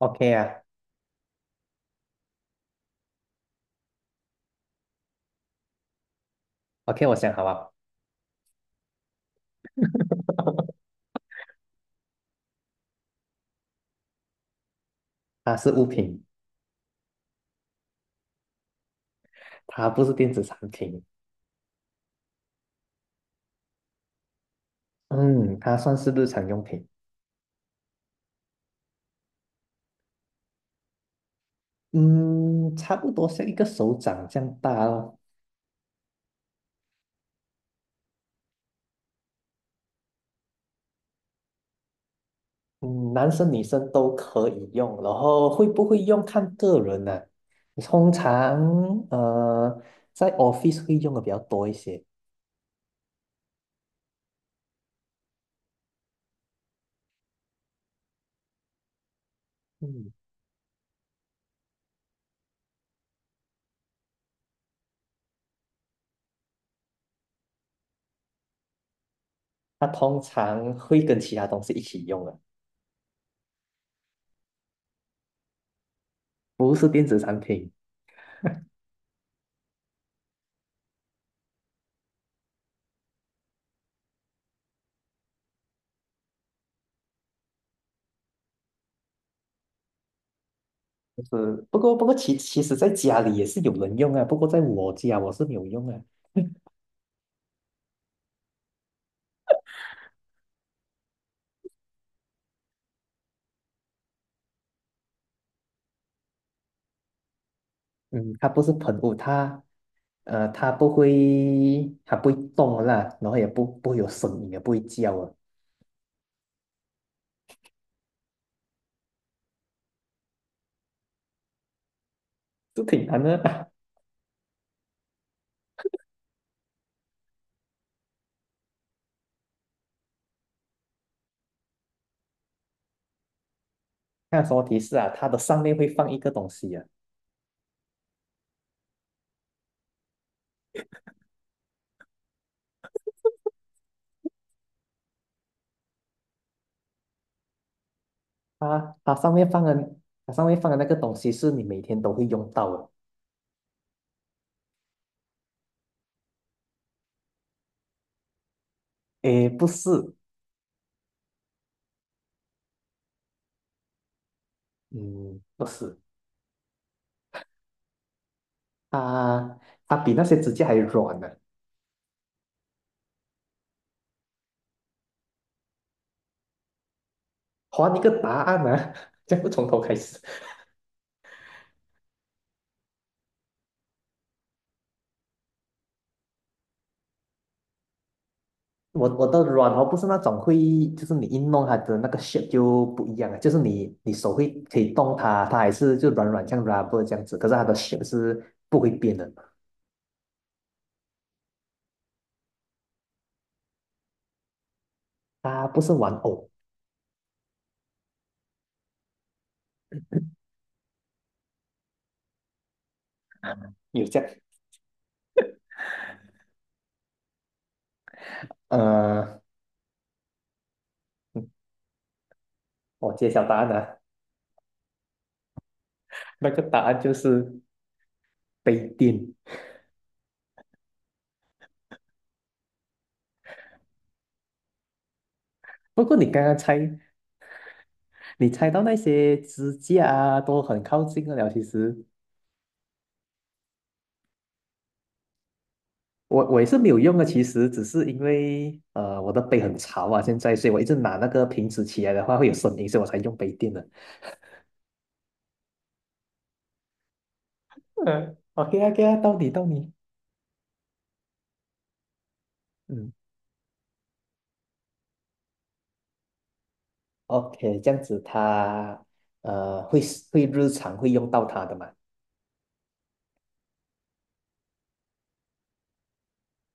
OK 啊。OK,我想好了。它是物品。它不是电子产品。嗯，它算是日常用品。嗯，差不多像一个手掌这样大哦。嗯，男生女生都可以用，然后会不会用看个人呢、通常呃，在 office 会用的比较多一些。嗯，它通常会跟其他东西一起用的。不是电子产品。就是，不过其实在家里也是有人用啊，不过在我家我是没有用啊。嗯，它不是喷雾，它它不会，它不会动啦，然后也不会有声音，也不会叫啊，这挺难的。看有什么提示啊？它的上面会放一个东西啊，它上面放的，它上面放的那个东西是你每天都会用到的。诶，不是。嗯，不是，它它比那些指甲还软呢、还你一个答案啊，这样不从头开始。我的软毛不是那种会，就是你一弄它的那个 shape 就不一样了，就是你手会可以动它，它还是就软软像 rubber 这样子，可是它的 shape 是不会变的。它不是玩偶，有这样，呃，我揭晓答案了，那个答案就是杯垫。不过你刚刚猜，你猜到那些支架啊，都很靠近了。其实我也是没有用的，其实只是因为呃我的杯很潮啊，现在所以我一直拿那个瓶子起来的话会有声音，所以我才用杯垫的。嗯，OK 啊，OK 啊，到你，嗯，OK,这样子他会会日常会用到它的嘛？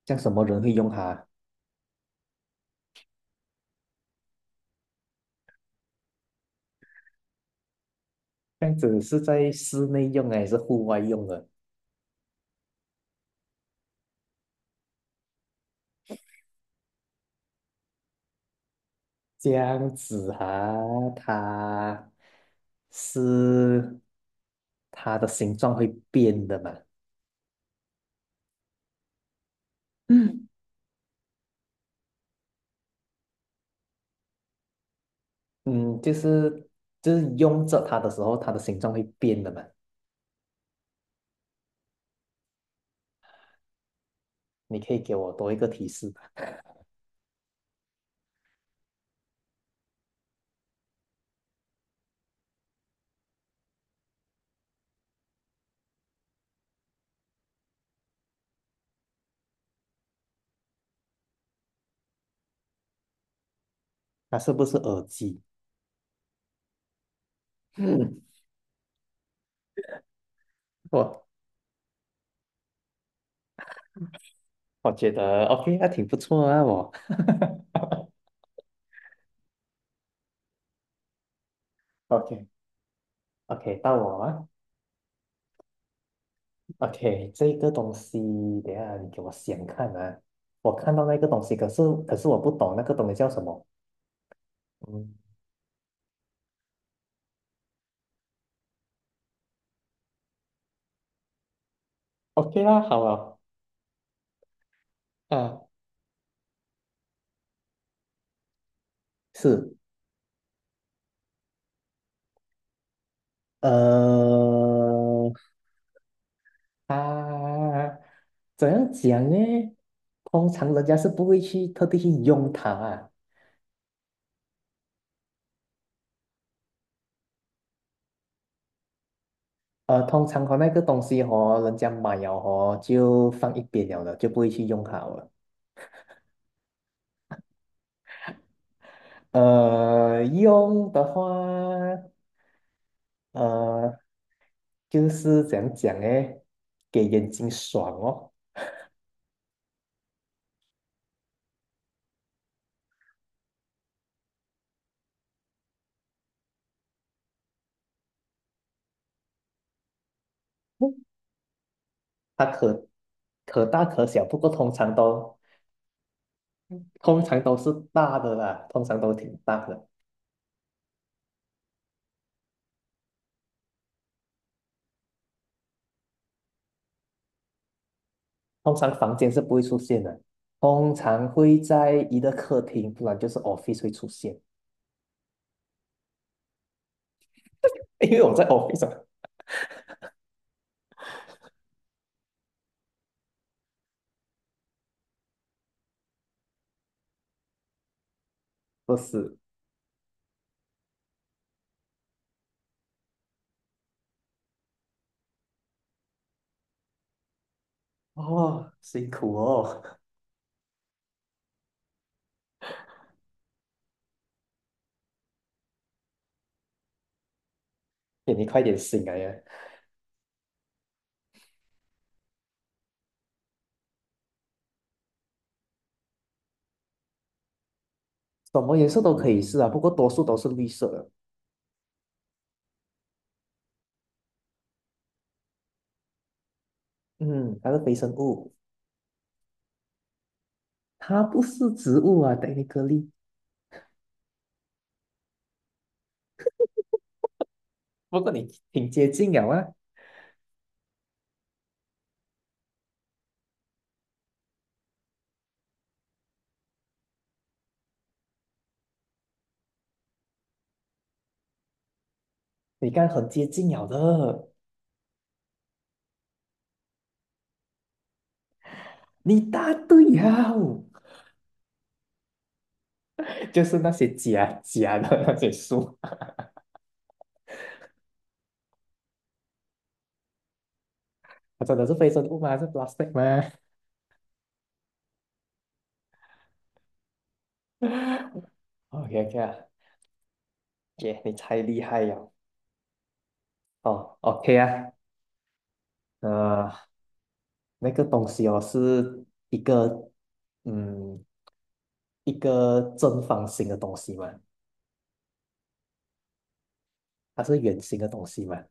像什么人会用它？这样子是在室内用还是户外用的？这样子啊，它是它的形状会变的嘛？嗯，嗯，就是就是用着它的时候，它的形状会变的嘛？你可以给我多一个提示吧？它是不是耳机？嗯。哇，我觉得 OK,那挺不错啊，我 OK OK,到我啊。OK,这个东西，等一下你给我想看啊，我看到那个东西，可是我不懂那个东西叫什么。嗯，OK 啦，好了。啊，是。呃，啊，怎样讲呢？通常人家是不会去特地去用它啊。呃，通常和那个东西和人家买了和就放一边了的，就不会去用它了。用的话，呃，就是怎样讲诶，给眼睛爽哦。它可大可小，不过通常都通常都是大的啦，通常都挺大的。通常房间是不会出现的，通常会在一个客厅，不然就是 office 会出现。因为我在 office 啊。不是哦，辛苦哦，你快点醒来呀！什么颜色都可以试啊，不过多数都是绿色的。嗯，它是非生物，它不是植物啊 t e 颗粒。不过你挺接近了啊，你看很接近了的，你答对呀，就是那些假假的 那些树。它真的是非生物吗？是 plastic 吗？OK OK 啊，耶、你太厉害了。哦，OK 啊。呃，那个东西哦是一个，嗯，一个正方形的东西嘛？它是圆形的东西嘛？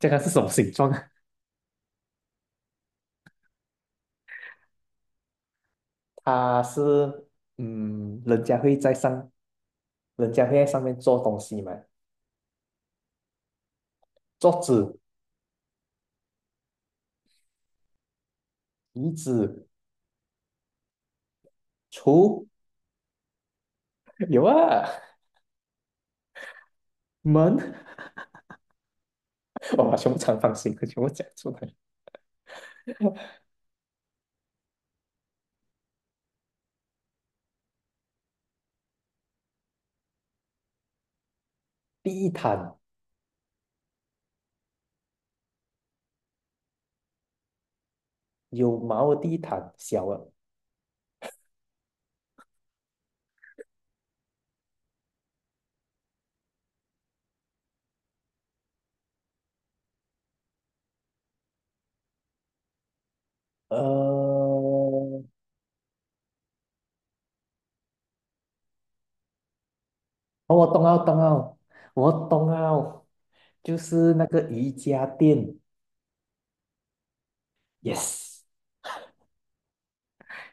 这个是什么形状？它是嗯，人家会在上，人家会在上面做东西嘛？桌子、椅子、橱，有啊，门，我把全部长方形的全部讲出来。地毯，有毛的地毯，小的，呃，哦我懂了，懂了，我懂了，就是那个瑜伽垫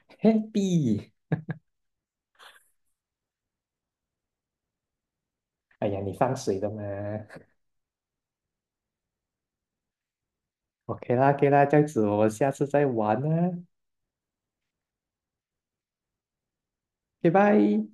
，yes，happy。哎呀，你放水的嘛？OK 啦，OK 啦，这样子我们下次再玩啦，拜拜。